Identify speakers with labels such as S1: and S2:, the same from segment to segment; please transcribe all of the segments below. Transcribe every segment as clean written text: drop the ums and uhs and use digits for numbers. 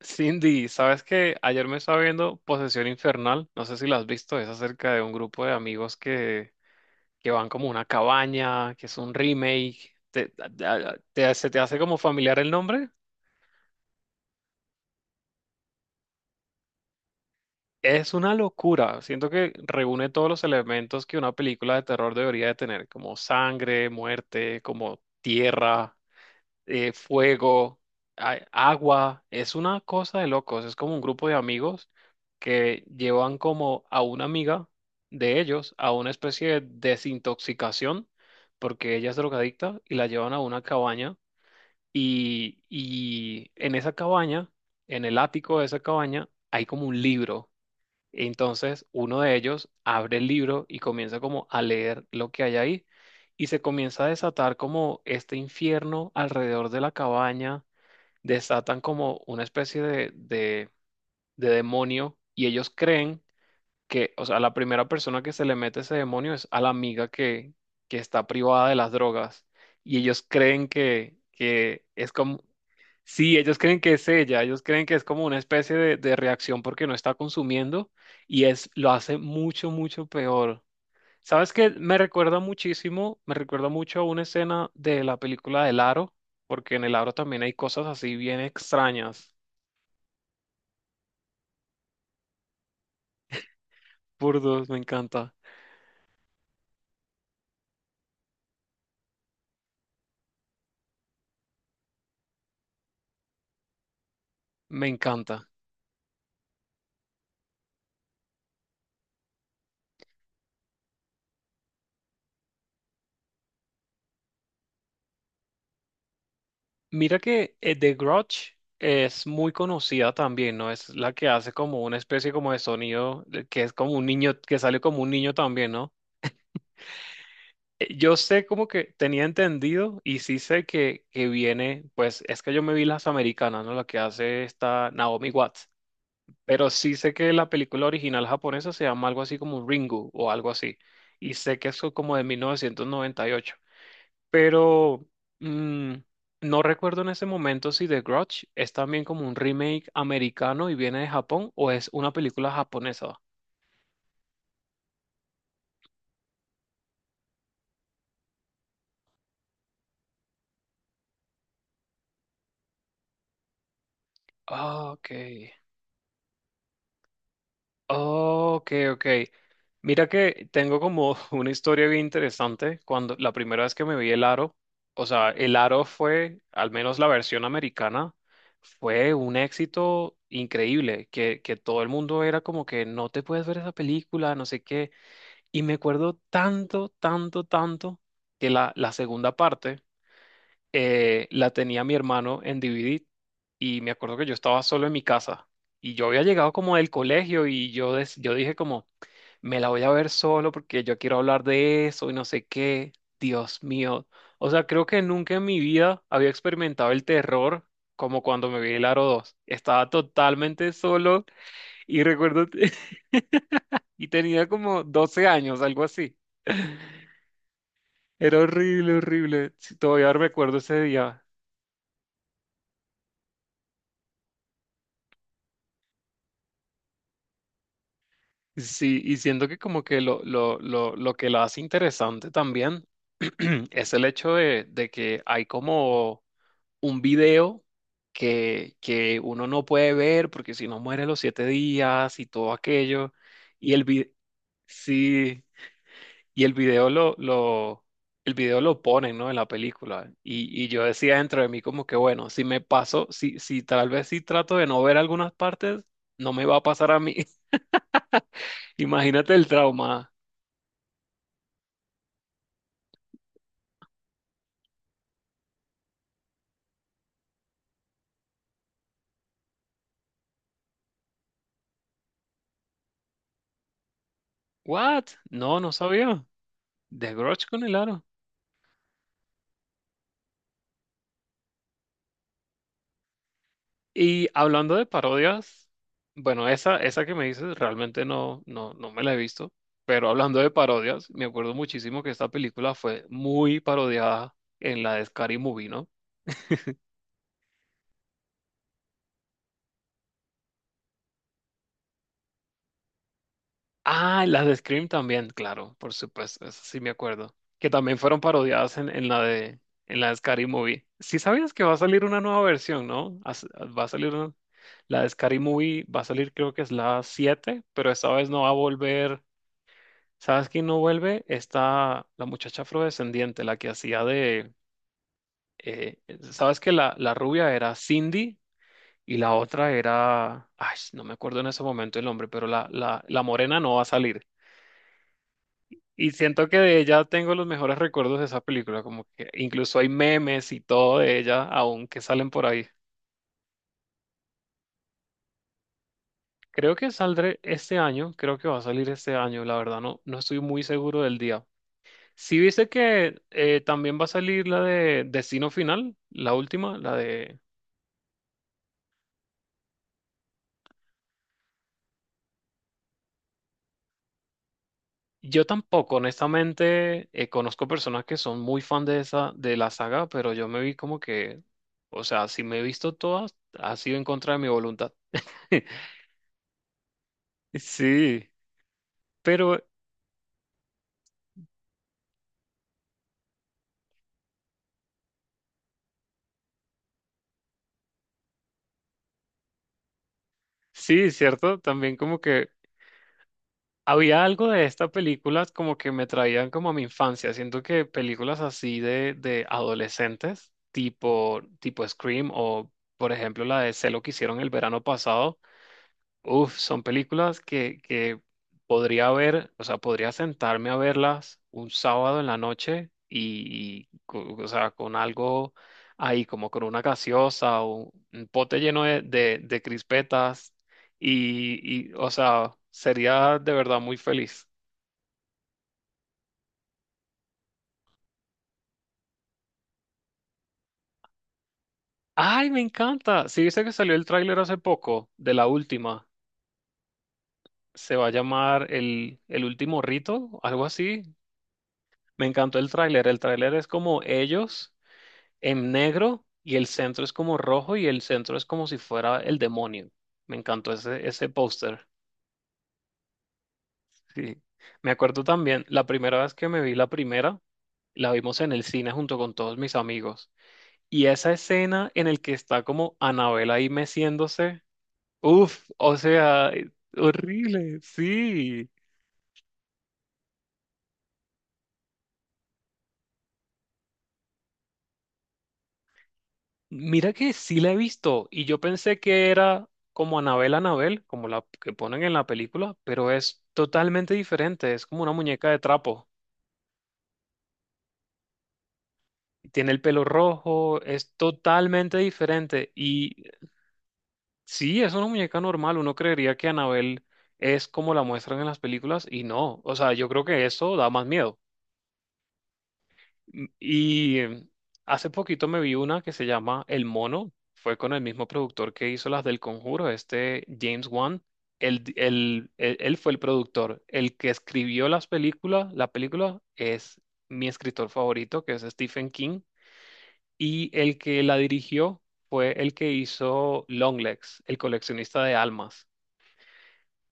S1: Cindy, ¿sabes qué? Ayer me estaba viendo Posesión Infernal, no sé si la has visto, es acerca de un grupo de amigos que van como a una cabaña, que es un remake. ¿Se te hace como familiar el nombre? Es una locura, siento que reúne todos los elementos que una película de terror debería de tener, como sangre, muerte, como tierra, fuego, agua, es una cosa de locos, es como un grupo de amigos que llevan como a una amiga de ellos a una especie de desintoxicación, porque ella es drogadicta, y la llevan a una cabaña y en esa cabaña, en el ático de esa cabaña, hay como un libro. Entonces, uno de ellos abre el libro y comienza como a leer lo que hay ahí y se comienza a desatar como este infierno alrededor de la cabaña, desatan como una especie de demonio y ellos creen que, o sea, la primera persona que se le mete ese demonio es a la amiga que está privada de las drogas y ellos creen que es como... Sí, ellos creen que es ella, ellos creen que es como una especie de reacción porque no está consumiendo y es lo hace mucho, mucho peor. ¿Sabes qué? Me recuerda muchísimo, me recuerda mucho a una escena de la película del Aro, porque en el Aro también hay cosas así bien extrañas. Burdos, me encanta, me encanta. Mira que The Grudge es muy conocida también, ¿no? Es la que hace como una especie como de sonido, que es como un niño, que sale como un niño también, ¿no? Yo sé como que tenía entendido y sí sé que viene, pues es que yo me vi las americanas, ¿no? La que hace esta Naomi Watts, pero sí sé que la película original japonesa se llama algo así como Ringu o algo así, y sé que eso como de 1998, pero mm, no recuerdo en ese momento si The Grudge es también como un remake americano y viene de Japón o es una película japonesa. Ah, ok. Oh, ok, ok. Mira que tengo como una historia bien interesante. Cuando la primera vez que me vi el aro, o sea, el aro fue, al menos la versión americana, fue un éxito increíble, que todo el mundo era como que no te puedes ver esa película, no sé qué. Y me acuerdo tanto, tanto, tanto que la segunda parte la tenía mi hermano en DVD y me acuerdo que yo estaba solo en mi casa. Y yo había llegado como del colegio y yo dije como, me la voy a ver solo porque yo quiero hablar de eso y no sé qué. Dios mío. O sea, creo que nunca en mi vida había experimentado el terror como cuando me vi el Aro 2. Estaba totalmente solo y recuerdo, y tenía como 12 años, algo así. Era horrible, horrible. Sí. Todavía recuerdo ese día. Sí, y siento que como que lo que lo hace interesante también es el hecho de que hay como un video que uno no puede ver porque si no muere los 7 días y todo aquello. Y el, vi- sí, y el video lo ponen, ¿no? En la película. Y yo decía dentro de mí como que, bueno, si me paso, si tal vez si trato de no ver algunas partes, no me va a pasar a mí. Imagínate el trauma. What? No, no sabía. The Grudge con el aro. Y hablando de parodias, bueno, esa que me dices realmente no, no, no me la he visto, pero hablando de parodias, me acuerdo muchísimo que esta película fue muy parodiada en la de Scary Movie, ¿no? Ah, en las de Scream también, claro, por supuesto, eso sí me acuerdo, que también fueron parodiadas en la de Scary Movie. Sí sabías que va a salir una nueva versión, ¿no? As- Va a salir una- la de Scary Movie, va a salir creo que es la 7 pero esta vez no va a volver. ¿Sabes quién no vuelve? Está la muchacha afrodescendiente, la que hacía de... eh, ¿sabes que la rubia era Cindy y la otra era... Ay, no me acuerdo en ese momento el nombre, pero la morena no va a salir. Y siento que de ella tengo los mejores recuerdos de esa película, como que incluso hay memes y todo de ella aún que salen por ahí. Creo que saldré este año, creo que va a salir este año, la verdad no estoy muy seguro del día. Si viste que también va a salir la de Destino Final, la última, la de... Yo tampoco, honestamente, conozco personas que son muy fan de esa, de la saga, pero yo me vi como que, o sea, si me he visto todas, ha sido en contra de mi voluntad. Sí, pero sí, cierto, también como que había algo de estas películas como que me traían como a mi infancia. Siento que películas así de adolescentes, tipo Scream o, por ejemplo, la de Celo que hicieron el verano pasado. Uf, son películas que podría ver, o sea, podría sentarme a verlas un sábado en la noche o sea, con algo ahí, como con una gaseosa o un pote lleno de crispetas o sea, sería de verdad muy feliz. ¡Ay, me encanta! Sí, viste que salió el tráiler hace poco de la última. Se va a llamar el último rito, algo así. Me encantó el tráiler. El tráiler es como ellos en negro y el centro es como rojo y el centro es como si fuera el demonio. Me encantó ese póster. Sí. Me acuerdo también, la primera vez que me vi la primera, la vimos en el cine junto con todos mis amigos. Y esa escena en el que está como Anabel ahí meciéndose, uff, o sea, horrible, sí. Mira que sí la he visto y yo pensé que era como Anabel Anabel, como la que ponen en la película, pero es totalmente diferente, es como una muñeca de trapo. Tiene el pelo rojo, es totalmente diferente y sí, es una muñeca normal, uno creería que Anabel es como la muestran en las películas y no, o sea, yo creo que eso da más miedo. Y hace poquito me vi una que se llama El Mono. Fue con el mismo productor que hizo las del Conjuro, este James Wan. Él, di- él- él- él fue el productor. El que escribió las películas, la película es mi escritor favorito, que es Stephen King. Y el que la dirigió fue el que hizo Longlegs, el coleccionista de almas.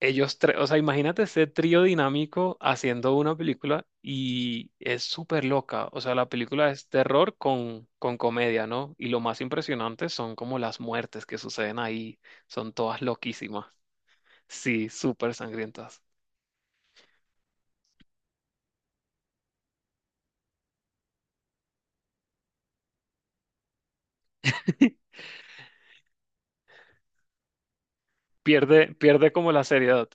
S1: Ellos tres, o sea, imagínate ese trío dinámico haciendo una película y es súper loca. O sea, la película es terror con comedia, ¿no? Y lo más impresionante son como las muertes que suceden ahí. Son todas loquísimas. Sí, súper sangrientas. Pierde como la seriedad.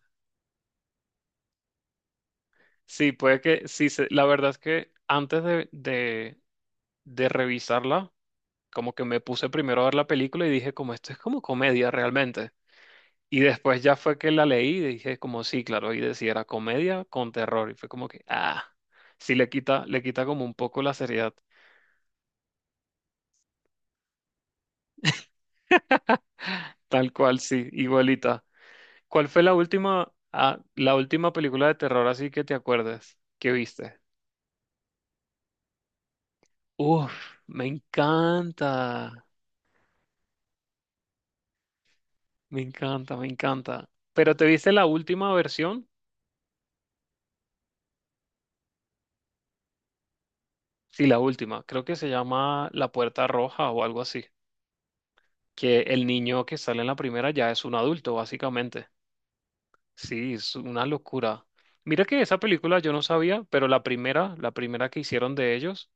S1: Sí, puede que, sí, la verdad es que antes de revisarla, como que me puse primero a ver la película y dije, como esto es como comedia realmente. Y después ya fue que la leí y dije como sí, claro, y decía era comedia con terror. Y fue como que, sí le quita como un poco la seriedad. Tal cual, sí, igualita. ¿Cuál fue la última, ah, la última película de terror así que te acuerdes que viste? Uf, me encanta, me encanta, me encanta. ¿Pero te viste la última versión? Sí, la última. Creo que se llama La Puerta Roja o algo así. Que el niño que sale en la primera ya es un adulto, básicamente. Sí, es una locura. Mira que esa película yo no sabía, pero la primera que hicieron de ellos,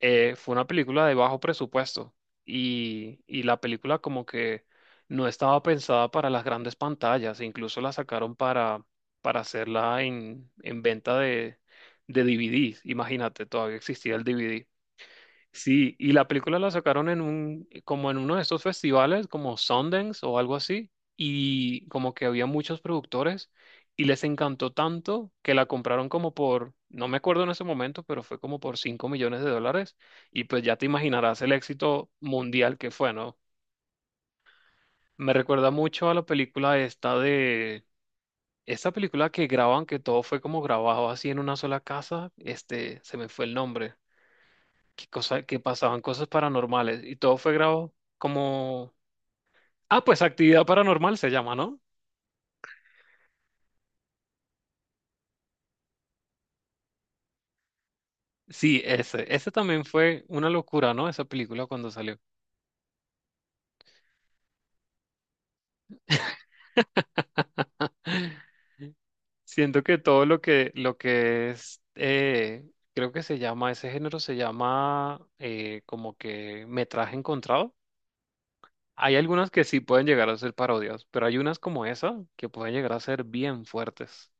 S1: fue una película de bajo presupuesto. Y la película como que no estaba pensada para las grandes pantallas, e incluso la sacaron para hacerla en venta de DVDs. Imagínate, todavía existía el DVD. Sí, y la película la sacaron como en uno de estos festivales, como Sundance o algo así, y como que había muchos productores y les encantó tanto que la compraron como por, no me acuerdo en ese momento, pero fue como por 5 millones de dólares y pues ya te imaginarás el éxito mundial que fue, ¿no? Me recuerda mucho a la película esta esta película que graban, que todo fue como grabado así en una sola casa, este, se me fue el nombre. Que pasaban cosas paranormales y todo fue grabado como... Ah, pues Actividad Paranormal se llama, ¿no? Sí, ese. Ese también fue una locura, ¿no? Esa película cuando salió. Siento que todo lo que es, creo que se llama, ese género se llama como que metraje encontrado. Hay algunas que sí pueden llegar a ser parodias, pero hay unas como esa que pueden llegar a ser bien fuertes.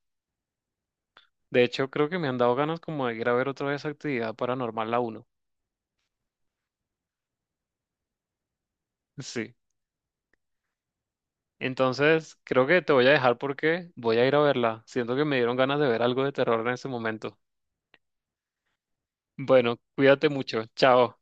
S1: De hecho, creo que me han dado ganas como de ir a ver otra vez Actividad Paranormal la uno. Sí. Entonces, creo que te voy a dejar porque voy a ir a verla. Siento que me dieron ganas de ver algo de terror en ese momento. Bueno, cuídate mucho. Chao.